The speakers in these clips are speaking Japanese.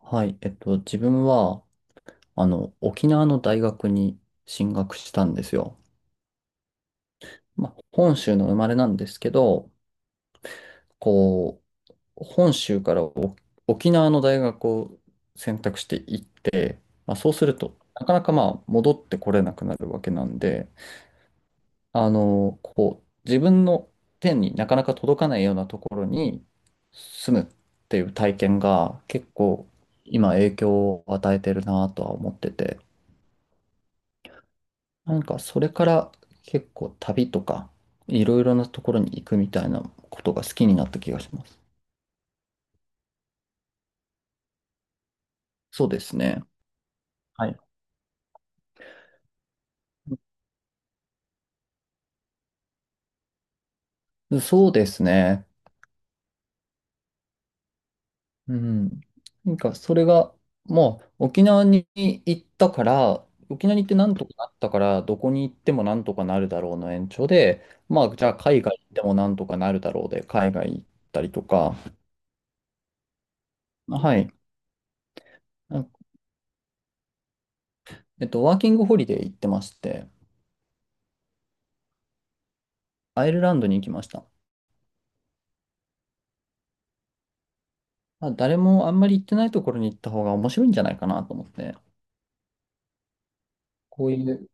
はい、自分は、沖縄の大学に進学したんですよ。まあ、本州の生まれなんですけど、こ本州から沖縄の大学を選択していって、まあ、そうすると、なかなかまあ、戻ってこれなくなるわけなんで、自分の手になかなか届かないようなところに住むっていう体験が結構、今影響を与えてるなとは思ってて、なんかそれから結構旅とかいろいろなところに行くみたいなことが好きになった気がします。そうですね。はい。そうですね。うん。なんかそれがもう沖縄に行ったから、沖縄に行ってなんとかなったから、どこに行ってもなんとかなるだろうの延長で、まあじゃあ海外行ってもなんとかなるだろうで、海外行ったりとか、はい。なんかワーキングホリデー行ってまして、アイルランドに行きました。まあ、誰もあんまり行ってないところに行った方が面白いんじゃないかなと思って、こういう、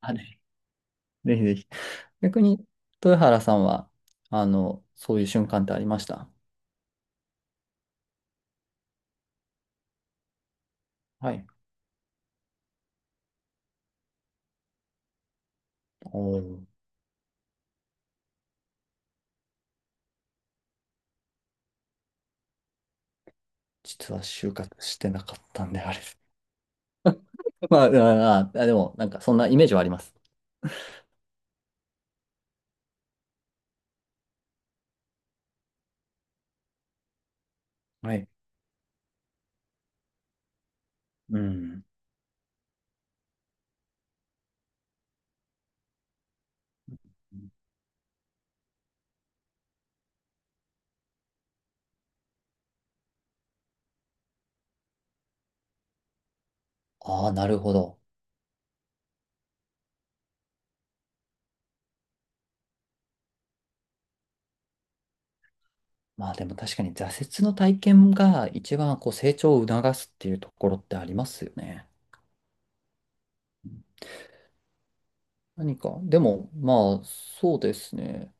あれ、ぜひぜひ。逆に、豊原さんは、そういう瞬間ってありました？はい。おー、実は就活してなかったんで、あれです。まあ、でも、なんか、そんなイメージはあります。はい。うん。ああ、なるほど。まあ、でも確かに挫折の体験が一番こう成長を促すっていうところってありますよね。何か、でも、まあ、そうですね。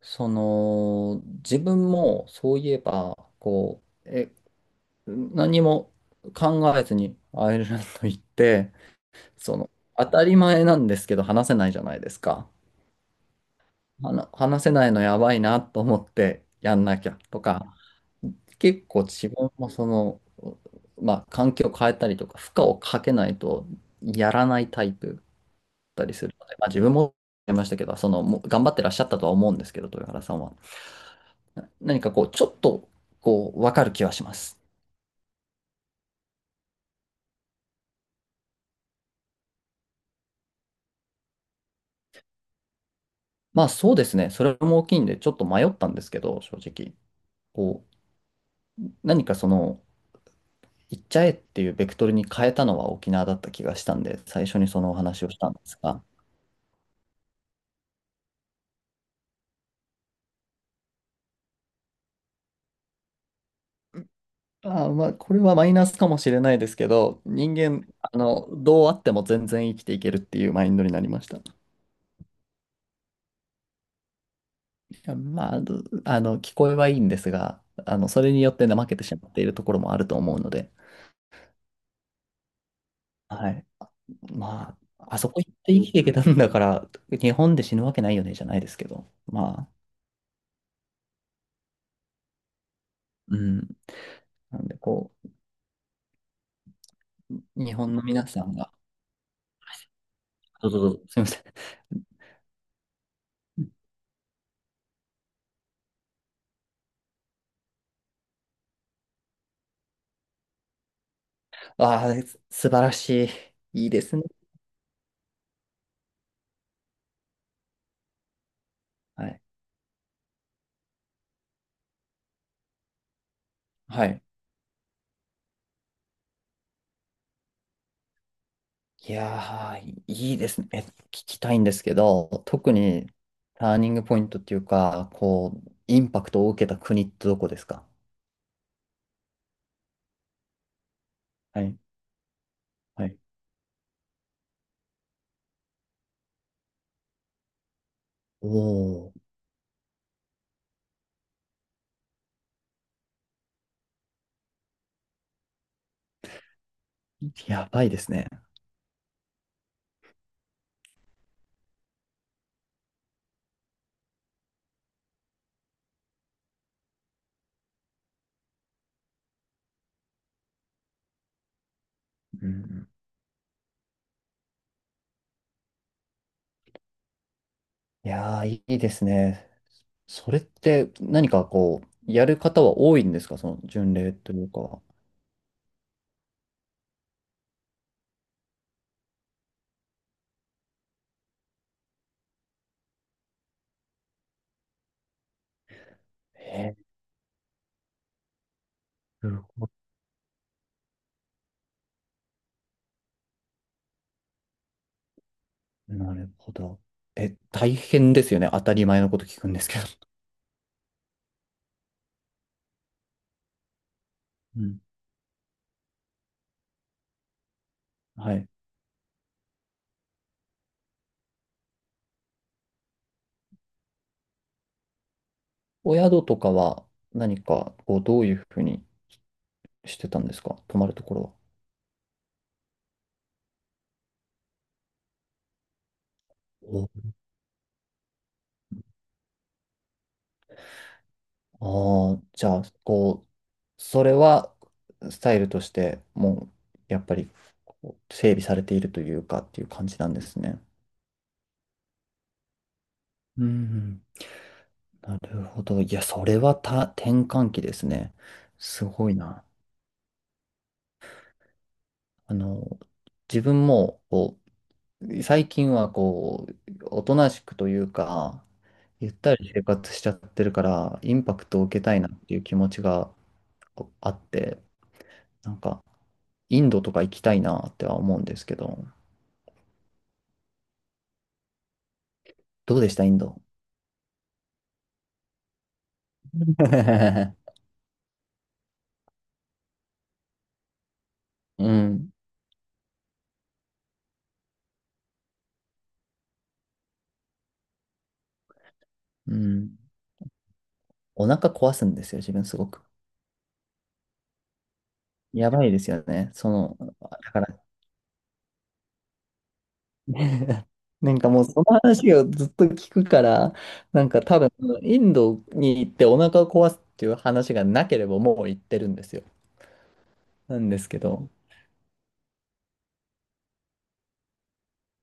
その、自分もそういえば、何も考えずにアイルランド行って、その、当たり前なんですけど話せないじゃないですか。話せないのやばいなと思ってやんなきゃとか、結構自分もその、まあ、環境を変えたりとか、負荷をかけないとやらないタイプだったりするので、まあ、自分もやりましたけど、その、もう頑張ってらっしゃったとは思うんですけど、豊原さんは。何かこう、ちょっと、こう、わかる気はします。まあ、そうですね。それも大きいんで、ちょっと迷ったんですけど、正直。こ何かその、行っちゃえっていうベクトルに変えたのは沖縄だった気がしたんで、最初にそのお話をしたんですが、ああ、まあこれはマイナスかもしれないですけど、人間、どうあっても全然生きていけるっていうマインドになりました。まあ、聞こえはいいんですが、それによって怠けてしまっているところもあると思うので、はい。まあ、あそこ行って生きていけたんだから、日本で死ぬわけないよね、じゃないですけど。まあ、うん。なんで、こう、日本の皆さんが、どうぞどうぞ、すみません。ああ、素晴らしい。いいですね。はい。はい。いやー、いですね。聞きたいんですけど、特にターニングポイントっていうか、こう、インパクトを受けた国ってどこですか？はい。はい。おー、やばいですね。うん、うん。いやー、いいですね。それって何かやる方は多いんですか、その巡礼というか。えー、なるほど。なるほど。え、大変ですよね。当たり前のこと聞くんですけど。うん。はい。お宿とかは何かこう、どういうふうにしてたんですか、泊まるところは。おああー、じゃあ、こう、それはスタイルとしてやっぱりこう整備されているというかっていう感じなんですね。うん、うん。なるほど。いや、それは転換期ですね。すごいな。あの、自分も、こう、最近は、こう、おとなしくというか、ゆったり生活しちゃってるから、インパクトを受けたいなっていう気持ちがこうあって、なんか、インドとか行きたいなっては思うんですけど、どうでした、インド？ うん、うん。お腹壊すんですよ、自分すごく。やばいですよね。その、だから なんかもうその話をずっと聞くから、なんか多分インドに行ってお腹を壊すっていう話がなければもう行ってるんですよ。なんですけど。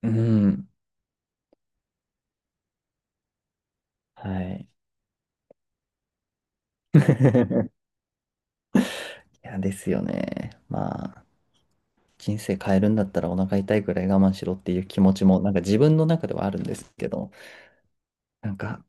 うん。はい。いや、ですよね。まあ、人生変えるんだったらお腹痛いくらい我慢しろっていう気持ちも、なんか自分の中ではあるんですけど、なんか、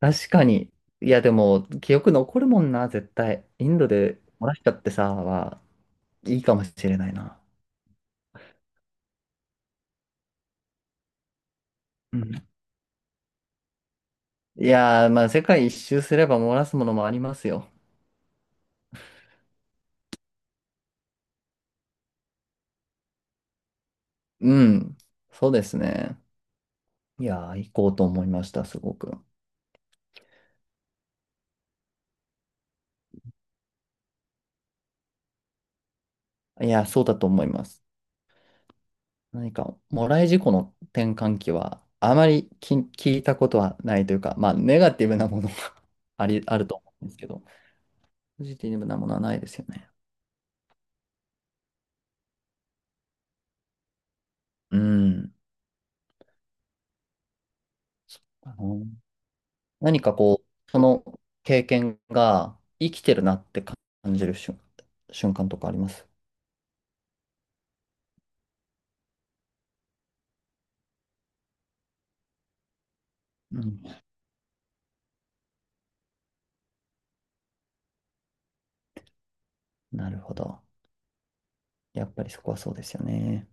確かに、いや、でも、記憶残るもんな、絶対。インドで漏らしちゃってさ、いいかもしれないな。うん。いやー、まあ、世界一周すれば漏らすものもありますよ。うん。そうですね。いやー、行こうと思いました、すごく。いやー、そうだと思います。何か、もらい事故の転換期は、あまり聞いたことはないというか、まあ、ネガティブなものが あると思うんですけど、ポジティブなものはないですよね。うん。あの、何かこう、その経験が生きてるなって感じる瞬間とかあります？うん。なるほど。やっぱりそこはそうですよね。